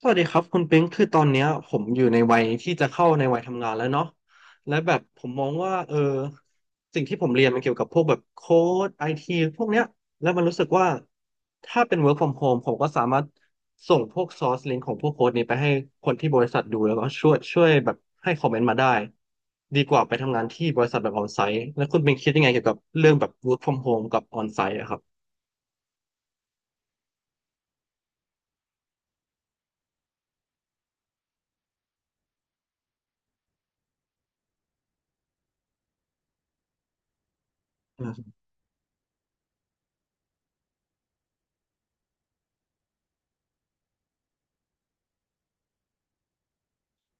สวัสดีครับคุณปิงคือตอนเนี้ยผมอยู่ในวัยที่จะเข้าในวัยทำงานแล้วเนาะและแบบผมมองว่าสิ่งที่ผมเรียนมันเกี่ยวกับพวกแบบโค้ดไอทีพวกเนี้ยแล้วมันรู้สึกว่าถ้าเป็น work from home ผมก็สามารถส่งพวก source link ของพวกโค้ดนี้ไปให้คนที่บริษัทดูแล้วก็ช่วยแบบให้คอมเมนต์มาได้ดีกว่าไปทำงานที่บริษัทแบบออนไซต์แล้วคุณปิงคิดยังไงเกี่ยวกับเรื่องแบบ work from home กับออนไซต์อะครับ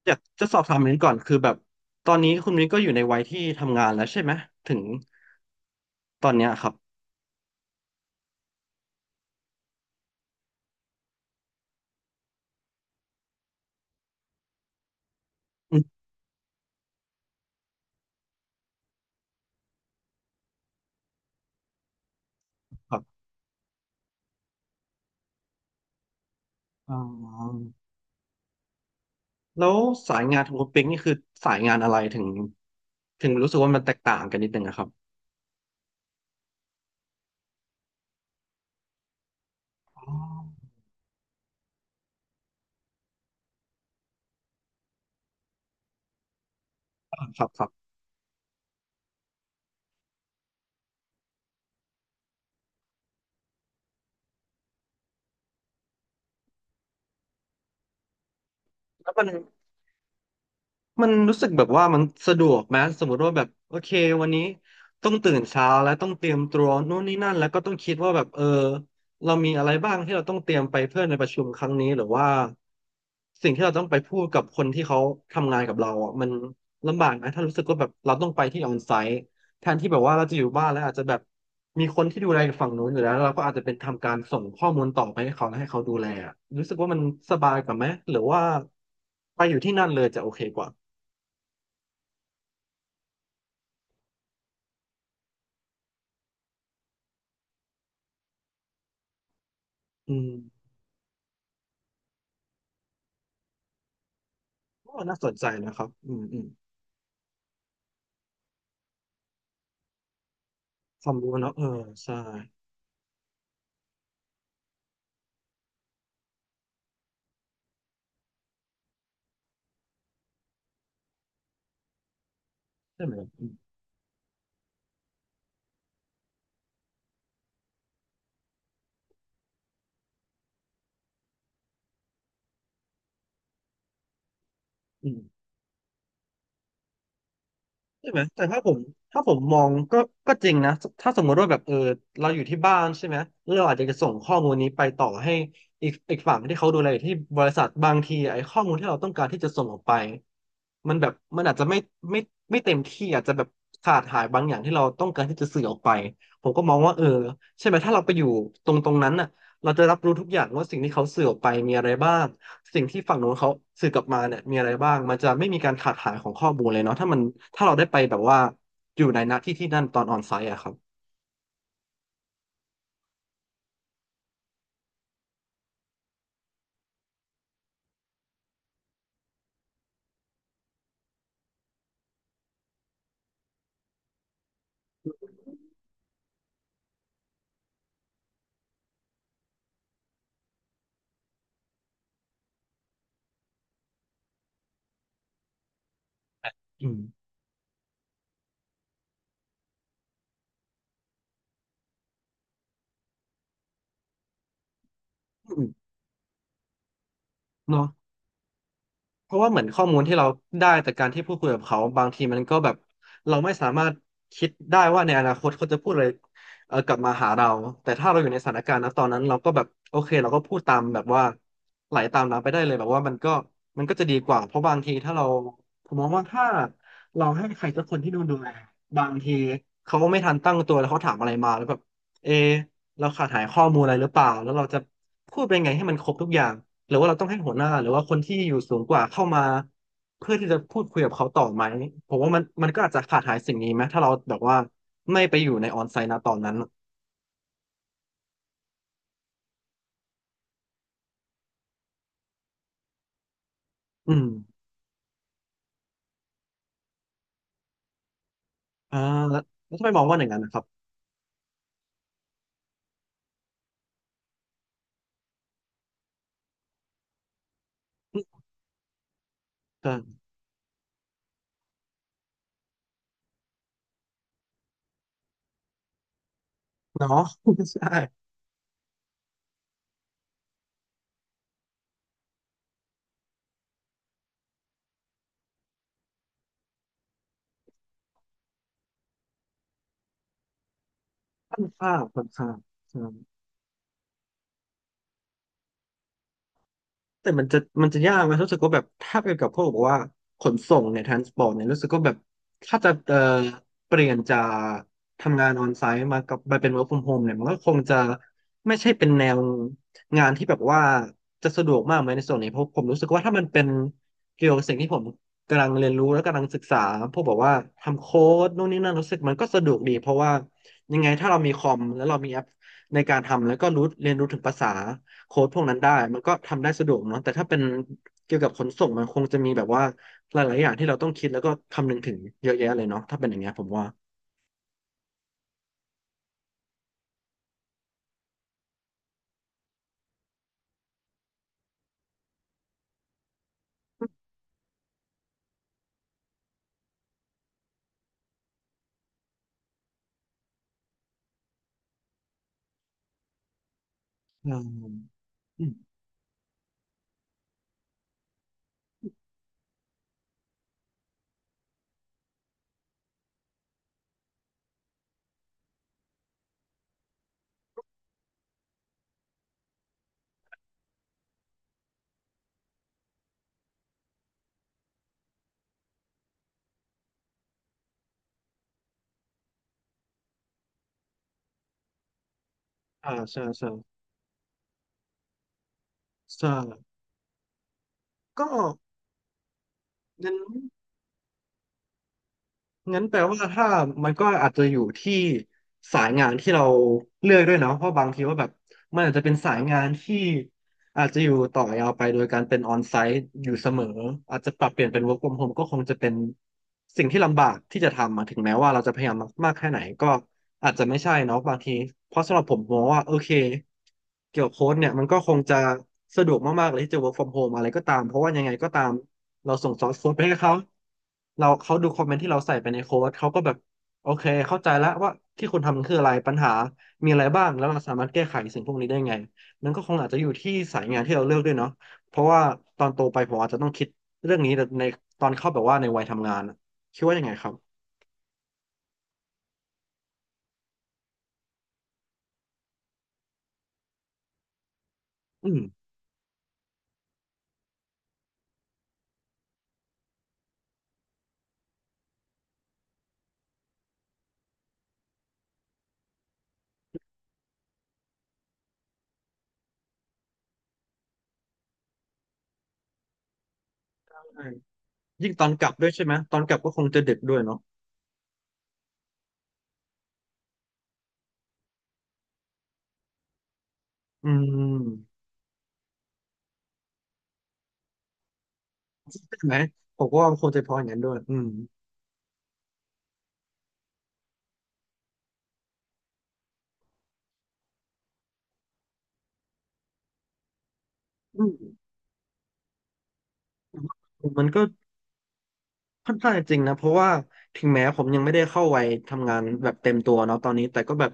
อยากจะสอบถามมิ้นก่อนคือแบบตอนนี้คุณมิ้นก็อยู่ในวัยที่ทำงานแล้วใช่ไหมถึงตอนเนี้ยครับอืมครับอ๋อแล้วสายงานของคุณปิ๊งนี่คือสายงานอะไรถึงรู้สึกว่ามันแตกต่างกันนิดนึงนะครับอ๋อครับครับแล้วมัน มันรู้สึกแบบว่ามันสะดวกไหมสมมติว่าแบบโอเควันนี้ต้องตื่นเช้าแล้วต้องเตรียมตัวนู่นนี่นั่นแล้วก็ต้องคิดว่าแบบเรามีอะไรบ้างที่เราต้องเตรียมไปเพื่อในประชุมครั้งนี้หรือว่าสิ่งที่เราต้องไปพูดกับคนที่เขาทำงานกับเราอ่ะมันลำบากนะถ้ารู้สึกว่าแบบเราต้องไปที่ออนไซต์แทนที่แบบว่าเราจะอยู่บ้านแล้วอาจจะแบบมีคนที่ดูแลอฝั่งนู้นอยู่แล้วแล้วเราก็อาจจะเป็นทำการส่งข้อมูลต่อไปให้เขาแล้วให้เขาดูแลอะรู้สึกว่ามันสบายกว่าไหมหรือว่าไปอยู่ที่นั่นเลยจะโอเคกว่า อืมก็น่าสนใจนะครับอืมอืมความรู้เนาะเออใช่ใช่ไหมอืมอืมใช่ไหมแต่ถ้าผมมองก็จริงนะถ้าสมมติว่าแบบเราอยู่ที่บ้านใช่ไหมแล้วเราอาจจะส่งข้อมูลนี้ไปต่อให้อีกฝั่งที่เขาดูแลอยู่ที่บริษัทบางทีไอ้ข้อมูลที่เราต้องการที่จะส่งออกไปมันแบบมันอาจจะไม่ไม่เต็มที่อาจจะแบบขาดหายบางอย่างที่เราต้องการที่จะสื่อออกไปผมก็มองว่าใช่ไหมถ้าเราไปอยู่ตรงนั้นน่ะ เราจะรับรู้ทุกอย่างว่าสิ่งที่เขาสื่อออกไปมีอะไรบ้างสิ่งที่ฝั่งโน้นเขาสื่อกลับมาเนี่ยมีอะไรบ้างมันจะไม่มีการขาดหายของข้อมูลเลยเนาะถ้ามันถ้าเราได้ไปแบบว่าอยู่ในณที่ที่นั่นตอนออนไซต์อะครับอืมอืมเนาะ เพราะว่าเหมือนข้อมูลที่เราได้จากการที่พูดคุยกับเขาบางทีมันก็แบบเราไม่สามารถคิดได้ว่าในอนาคตเขาจะพูดอะไรกลับมาหาเราแต่ถ้าเราอยู่ในสถานการณ์นะตอนนั้นเราก็แบบโอเคเราก็พูดตามแบบว่าไหลตามน้ำไปได้เลยแบบว่ามันก็ มันก็จะดีกว่าเพราะบางทีถ้าเราผมมองว่าถ้า เราให้ใครสักคนที่ดูแลบางทีเขาไม่ทันตั้งตัวแล้วเขาถามอะไรมาแล้วแบบเอะเราขาดหายข้อมูลอะไรหรือเปล่าแล้วเราจะพูดเป็นไงให้มันครบทุกอย่าง หรือว่าเราต้องให้หัวหน้าหรือว่าคนที่อยู่สูงกว่าเข้ามาเพื่อที่จะพูดคุยกับเขาต่อไหมผมว่ามันก็อาจจะขาดหายสิ่งนี้ไหมถ้าเราแบบว่าไม่ไปอยู่ในออนไซต์นะตอนนั้นอืมอ่าแล้วทำไมมองว่าอย่างนั้นนะครับอมใช่เนาะ ใช่ ค่อนข้างใช่ แต่มันจะยากไหมรู้สึกว่าแบบถ้าเป็นกับพวกบอกว่าขนส่งเนี่ยทรานสปอร์ตเนี่ยรู้สึกว่าแบบถ้าจะเปลี่ยนจากทำงานออนไซต์มากับมาเป็น work from home เนี่ยมันก็คงจะไม่ใช่เป็นแนวงานที่แบบว่าจะสะดวกมากไหมในส่วนนี้เพราะผมรู้สึกว่าถ้ามันเป็นเกี่ยวกับสิ่งที่ผมกำลังเรียนรู้และกำลังศึกษาพวกแบบว่าทำโค้ดนู่นนี่นั่นรู้สึกมันก็สะดวกดีเพราะว่ายังไงถ้าเรามีคอมแล้วเรามีแอปในการทำแล้วก็รู้เรียนรู้ถึงภาษา โค้ดพวกนั้นได้มันก็ทำได้สะดวกเนาะแต่ถ้าเป็นเกี่ยวกับขนส่งมันคงจะมีแบบว่าหลายๆอย่างที่เราต้องคิดแล้วก็คำนึงถึงเยอะแยะเลยเนาะถ้าเป็นอย่างเงี้ยผมว่าอืมอืมใช่ใช่ใช่ก็งั้นงั้นแปลว่าถ้ามันก็อาจจะอยู่ที่สายงานที่เราเลือกด้วยเนาะเพราะบางทีว่าแบบมันอาจจะเป็นสายงานที่ อาจจะอยู่ต่อยาวไปโดยการเป็นออนไซต์อยู่เสมออาจจะปรับเปลี่ยนเป็น work from home ก็คงจะเป็นสิ่งที่ลำบากที่จะทำอะถึงแม้ว่าเราจะพยายามมากๆแค่ไหนก็อาจจะไม่ใช่เนาะบางทีเพราะสำหรับผมมองว่าโอเคเกี่ยวกับโค้ดเนี่ยมันก็คงจะสะดวกมากๆเลยที่จะ work from home อะไรก็ตามเพราะว่ายังไงก็ตามเราส่งซอสโค้ดไปให้เขาเราเขาดูคอมเมนต์ที่เราใส่ไปในโค้ดเขาก็แบบโอเคเข้าใจแล้วว่าที่คุณทำมันคืออะไรปัญหามีอะไรบ้างแล้วเราสามารถแก้ไขสิ่งพวกนี้ได้ไง มันก็คงอาจจะอยู่ที่สายงานที่เราเลือกด้วยเนาะเพราะว่าตอนโตไปผมอาจจะต้องคิดเรื่องนี้แต่ในตอนเข้าแบบว่าในวัยทำงานอะคิดว่ายังไงครับอืมใช่ยิ่งตอนกลับด้วยใช่ไหมตอนกลับก็คงจะดึกด้วยเนาะอืมใช่ไหมผมก็ว่ามันคงจะพออย่างนั้นด้วยอืมอืมมันก็ ค่อนข้างจะจริงนะเพราะว่าถึงแม้ผมยังไม่ได้เข้าวัยทำงานแบบเต็มตัวเนาะตอนนี้แต่ก็แบบ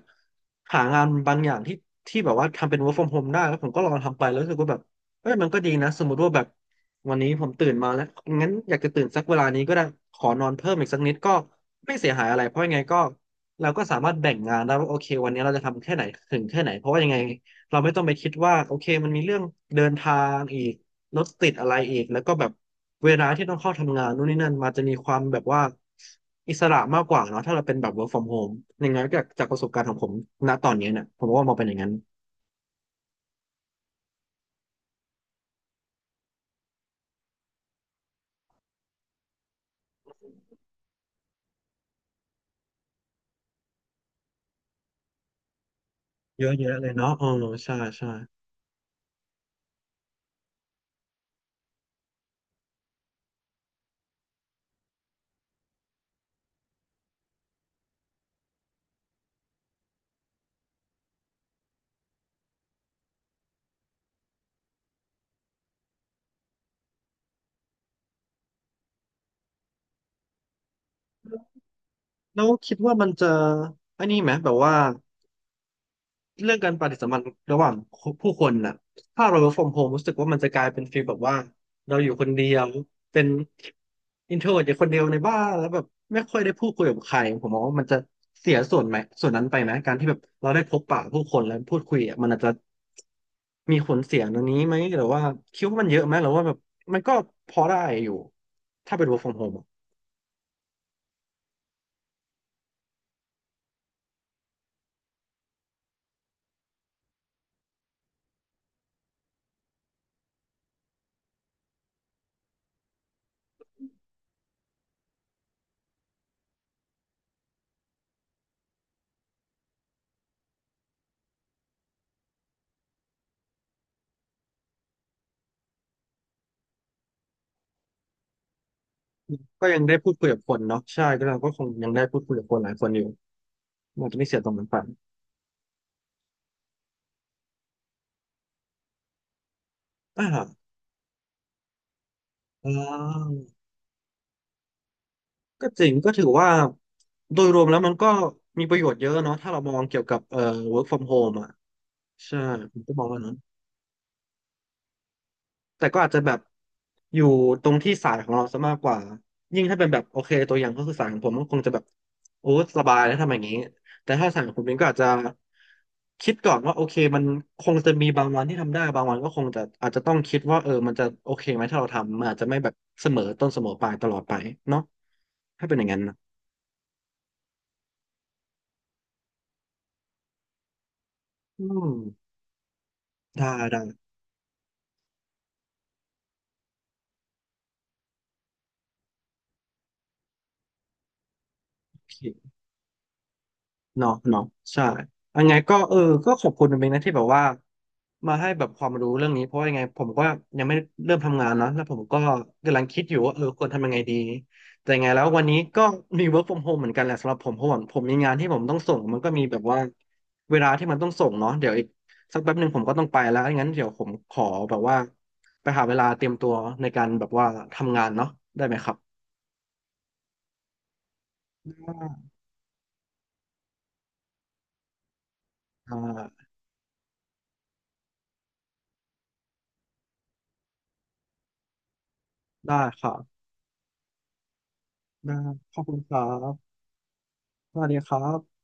หางานบางอย่างที่แบบว่าทำเป็น work from home ได้แล้วผมก็ลองทำไปแล้วรู้สึกว่าแบบเอ้ยมันก็ดีนะสมมติว่าแบบวันนี้ผมตื่นมาแล้วงั้นอยากจะตื่นสักเวลานี้ก็ได้ขอนอนเพิ่มอีกสักนิดก็ไม่เสียหายอะไรเพราะยังไงก็เราก็สามารถแบ่งงานได้ว่าโอเควันนี้เราจะทำแค่ไหนถึงแค่ไหนเพราะว่ายังไงเราไม่ต้องไปคิดว่าโอเคมันมีเรื่องเดินทางอีก รถติดอะไรอีกแล้วก็แบบเวลาที่ต้องเข้าทำงานนู่นนี่นั่นมาจะมีความแบบว่าอิสระมากกว่าเนาะถ้าเราเป็นแบบ work from home อย่างนั้นจากประสบการณ์ของผมณตอนนี้เนี่ยผมว่ามองเป็นอย่างนั้นเยอะแยะเลยเนาะเออใช่ใช่แล้วคิดว่ามันจะไอ้นี่ไหมแบบว่า เรื่องการปฏิสัมพันธ์ระหว่างผู้คนน่ะถ้าเรา work from home รู้สึกว่ามันจะกลายเป็นฟีลแบบว่าเราอยู่คนเดียวเป็น introvert อยู่คนเดียวในบ้านแล้วแบบไม่ค่อยได้พูดคุยกับใครผมมองว่ามันจะเสียส่วนไหมส่วนนั้นไปไหมการที่แบบเราได้พบปะผู้คนแล้วพูดคุยอ่ะมันอาจจะมีผลเสียตรงนี้ไหมหรือว่าคิดว่ามันเยอะไหมหรือว่าแบบมันก็พอได้อยู่ถ้าเป็น work from home อะก็ยังได้พูดคุยกับคนเนาะใช่ก็เราก็คงยังได้พูดคุยกับคนหลายคนอยู่มันจะไม่เสียตรงนั้นไปอ่า อ่าก็จริงก็ถือว่าโดยรวมแล้วมันก็มีประโยชน์เยอะเนาะถ้าเรามองเกี่ยวกับwork from home อ่ะใช่ผมก็มองว่านั้นแต่ก็อาจจะแบบอยู่ตรงที่สายของเราซะมากกว่ายิ่งถ้าเป็นแบบโอเคตัวอย่างก็คือสายของผมก็คงจะแบบโอ้สบายแล้วทำอย่างนี้แต่ถ้าสายของคุณเป็นก็อาจจะคิดก่อนว่าโอเคมันคงจะมีบางวันที่ทำได้บางวันก็คงจะอาจจะต้องคิดว่าเออมันจะโอเคไหมถ้าเราทำมันอาจจะไม่แบบเสมอต้นเสมอปลายตลอดไปเนาะถ้าเป็นอย่างนั้นนะอืม ได้ได้โอเคเนาะเนาะใช่ยังไงก็เออก็ขอบคุณเป็นนะที่แบบว่ามาให้แบบความรู้เรื่องนี้เพราะว่ายังไงผมก็ยังไม่เริ่มทำงานเนาะแล้วผมก็กำลังคิดอยู่ว่าเออควรทำยังไงดีแต่ยังไงแล้ววันนี้ก็มี work from home เหมือนกันแหละสำหรับผมเพราะว่าผมมีงานที่ผมต้องส่งมันก็มีแบบว่าเวลาที่มันต้องส่งเนาะเดี๋ยวอีกสักแป๊บหนึ่งผมก็ต้องไปแล้วงั้นเดี๋ยวผมขอแบบว่าไปหาเวลาเตรียมตัวในการแบบว่าทำงานเนาะได้ไหมครับอ่าได้ครับ ได้ขอบคุณครับสวัสดีครับ